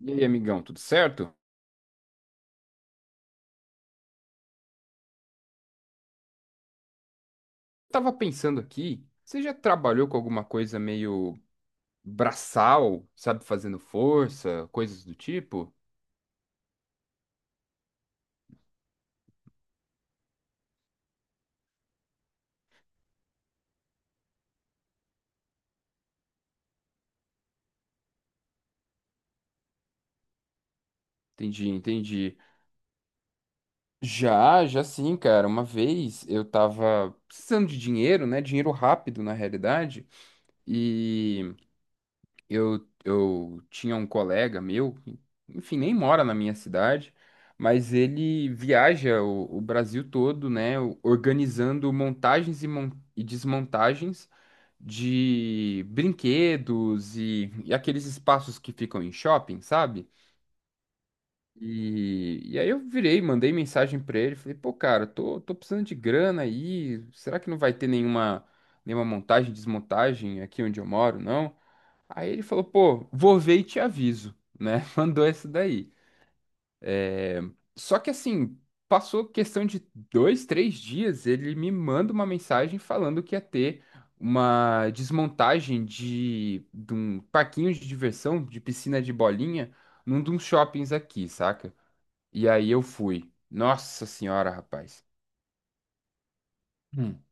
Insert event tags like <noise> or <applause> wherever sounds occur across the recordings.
E aí, amigão, tudo certo? Tava pensando aqui, você já trabalhou com alguma coisa meio braçal, sabe, fazendo força, coisas do tipo? Entendi, entendi. Já, já sim, cara. Uma vez eu tava precisando de dinheiro, né? Dinheiro rápido, na realidade. E eu tinha um colega meu, enfim, nem mora na minha cidade, mas ele viaja o Brasil todo, né, organizando montagens e desmontagens de brinquedos e aqueles espaços que ficam em shopping, sabe? E aí eu virei, mandei mensagem pra ele, falei, pô, cara, tô precisando de grana aí, será que não vai ter nenhuma montagem, desmontagem aqui onde eu moro, não? Aí ele falou, pô, vou ver e te aviso, né? <laughs> Mandou essa daí. É. Só que assim, passou questão de dois, três dias, ele me manda uma mensagem falando que ia ter uma desmontagem de um parquinho de diversão, de piscina de bolinha, num de uns shoppings aqui, saca? E aí eu fui. Nossa senhora, rapaz. Hum.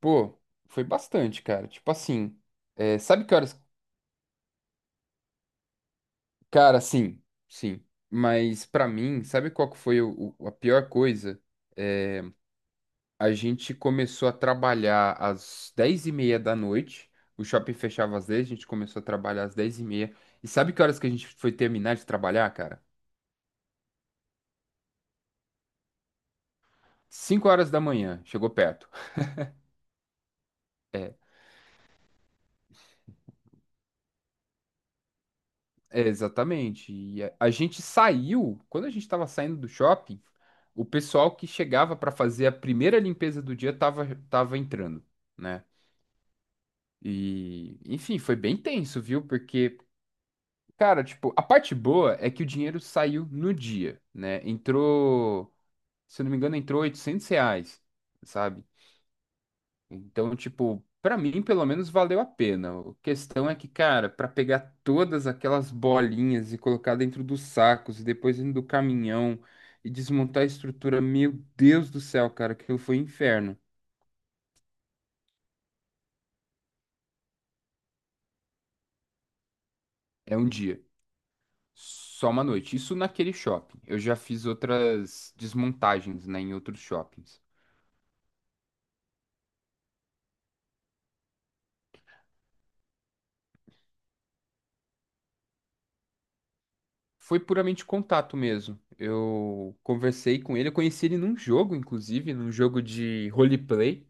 Pô, foi bastante, cara. Tipo assim, é, sabe que horas. Cara, sim, sim. Mas pra mim, sabe qual que foi a pior coisa? É, a gente começou a trabalhar às 22h30. O shopping fechava às 22h. A gente começou a trabalhar às dez e meia. E sabe que horas que a gente foi terminar de trabalhar, cara? 5h da manhã, chegou perto. É, exatamente. E a gente saiu, quando a gente estava saindo do shopping, o pessoal que chegava para fazer a primeira limpeza do dia tava entrando. Né? E, enfim, foi bem tenso, viu? Porque, cara, tipo, a parte boa é que o dinheiro saiu no dia, né? Entrou, se eu não me engano, entrou R$ 800, sabe? Então, tipo, pra mim, pelo menos, valeu a pena. A questão é que, cara, pra pegar todas aquelas bolinhas e colocar dentro dos sacos e depois dentro do caminhão e desmontar a estrutura, meu Deus do céu, cara, aquilo foi um inferno. É um dia. Só uma noite. Isso naquele shopping. Eu já fiz outras desmontagens, né, em outros shoppings. Foi puramente contato mesmo. Eu conversei com ele, eu conheci ele num jogo, inclusive, num jogo de roleplay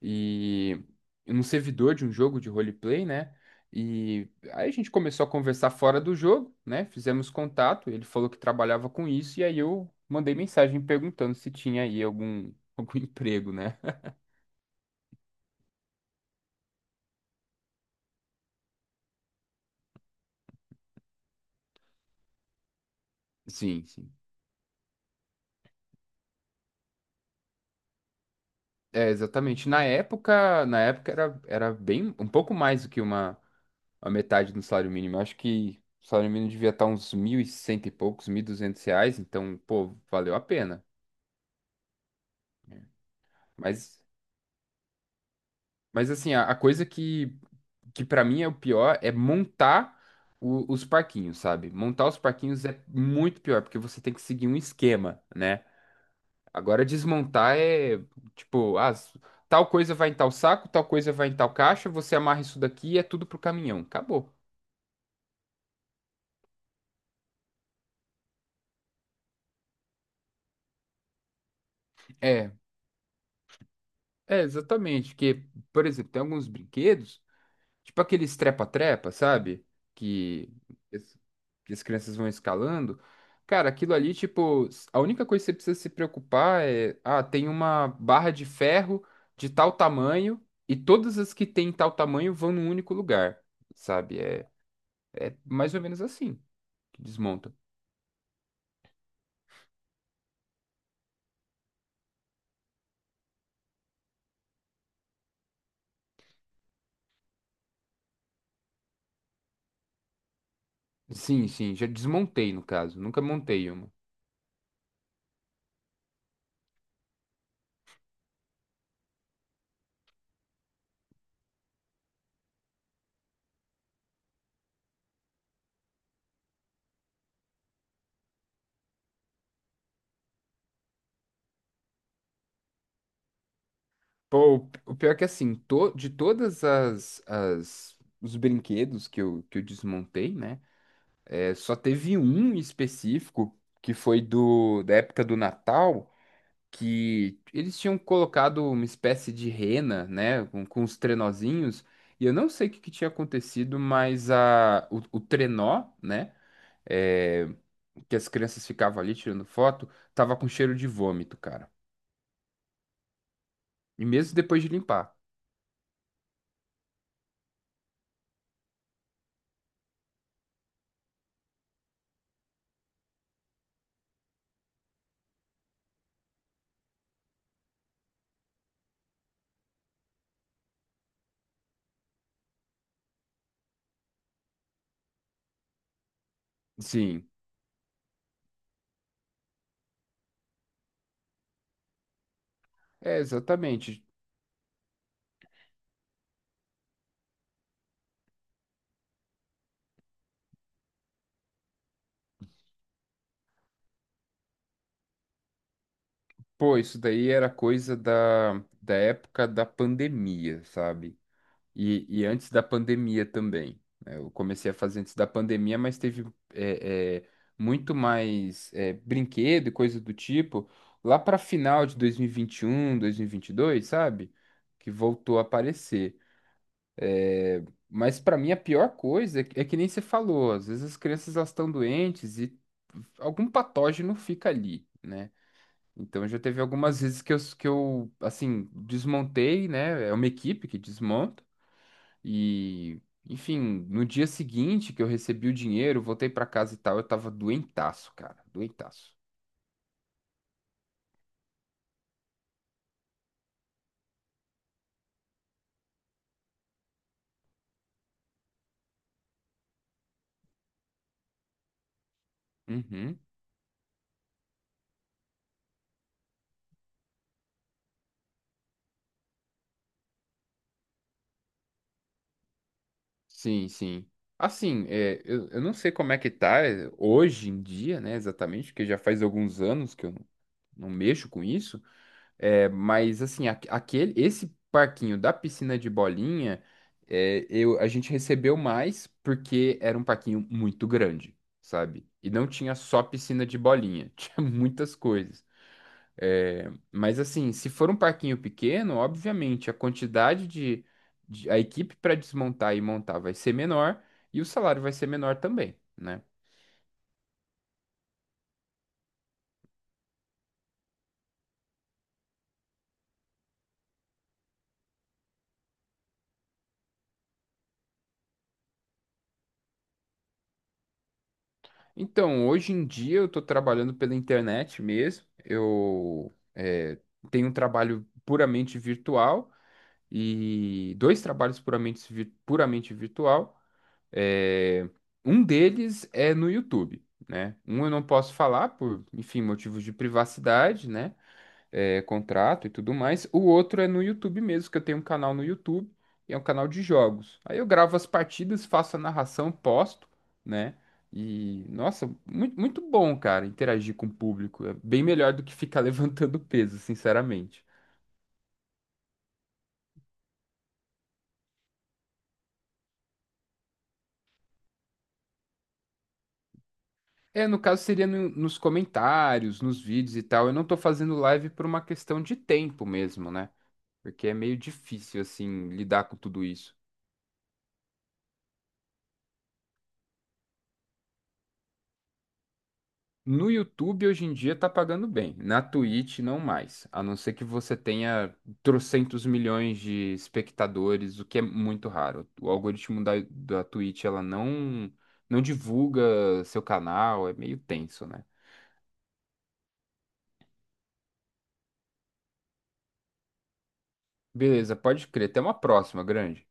e num servidor de um jogo de roleplay, né? E aí a gente começou a conversar fora do jogo, né? Fizemos contato, ele falou que trabalhava com isso e aí eu mandei mensagem perguntando se tinha aí algum <laughs> algum emprego, né? Sim, sim. É, exatamente. Na época era bem, um pouco mais do que a metade do salário mínimo. Eu acho que o salário mínimo devia estar uns mil e cento e poucos, R$ 1.200, então, pô, valeu a pena. Mas, mas assim, a coisa que para mim é o pior é montar os parquinhos, sabe? Montar os parquinhos é muito pior, porque você tem que seguir um esquema, né? Agora desmontar é tipo, ah, tal coisa vai em tal saco, tal coisa vai em tal caixa, você amarra isso daqui e é tudo pro caminhão. Acabou. É, é exatamente, que, por exemplo, tem alguns brinquedos, tipo aqueles trepa-trepa, sabe? Que, as- que as crianças vão escalando. Cara, aquilo ali, tipo, a única coisa que você precisa se preocupar é, ah, tem uma barra de ferro de tal tamanho e todas as que tem tal tamanho vão num único lugar, sabe? É, é mais ou menos assim. Que desmonta. Sim, sim, já desmontei no caso, nunca montei uma. Pô, o pior é que assim, de todas os brinquedos que eu desmontei, né? É, só teve um específico que foi do da época do Natal, que eles tinham colocado uma espécie de rena, né, com os trenozinhos, e eu não sei o que, que tinha acontecido, mas o trenó, né, é, que as crianças ficavam ali tirando foto, tava com cheiro de vômito, cara. E mesmo depois de limpar. Sim, é exatamente. Pô, isso daí era coisa da época da pandemia, sabe? E antes da pandemia também. Né? Eu comecei a fazer antes da pandemia, mas teve é, é, muito mais brinquedo e coisa do tipo lá para final de dois mil e vinte e um, dois mil e vinte um e dois sabe? Que voltou a aparecer. Mas para mim a pior coisa é que nem você falou, às vezes as crianças elas estão doentes e algum patógeno fica ali, né? Então já teve algumas vezes que que eu assim, desmontei, né? É uma equipe que desmonta e, enfim, no dia seguinte que eu recebi o dinheiro, voltei para casa e tal, eu tava doentaço, cara, doentaço. Uhum. Sim, sim. Assim, eu não sei como é que tá hoje em dia, né, exatamente, porque já faz alguns anos que eu não mexo com isso, mas assim, esse parquinho da piscina de bolinha, a gente recebeu mais porque era um parquinho muito grande, sabe? E não tinha só piscina de bolinha, <laughs> tinha muitas coisas. É, mas assim, se for um parquinho pequeno, obviamente a quantidade a equipe para desmontar e montar vai ser menor e o salário vai ser menor também, né? Então, hoje em dia eu estou trabalhando pela internet mesmo. Eu tenho um trabalho puramente virtual e dois trabalhos puramente virtual. É, um deles é no YouTube, né? Um eu não posso falar por, enfim, motivos de privacidade, né? Contrato e tudo mais. O outro é no YouTube mesmo, que eu tenho um canal no YouTube, e é um canal de jogos. Aí eu gravo as partidas, faço a narração, posto, né? E, nossa, muito, muito bom, cara, interagir com o público. É bem melhor do que ficar <laughs> levantando peso, sinceramente. É, no caso seria nos comentários, nos vídeos e tal. Eu não tô fazendo live por uma questão de tempo mesmo, né? Porque é meio difícil, assim, lidar com tudo isso. No YouTube hoje em dia tá pagando bem, na Twitch não mais, a não ser que você tenha trocentos milhões de espectadores, o que é muito raro. O algoritmo da Twitch ela não divulga seu canal, é meio tenso, né? Beleza, pode crer. Até uma próxima, grande.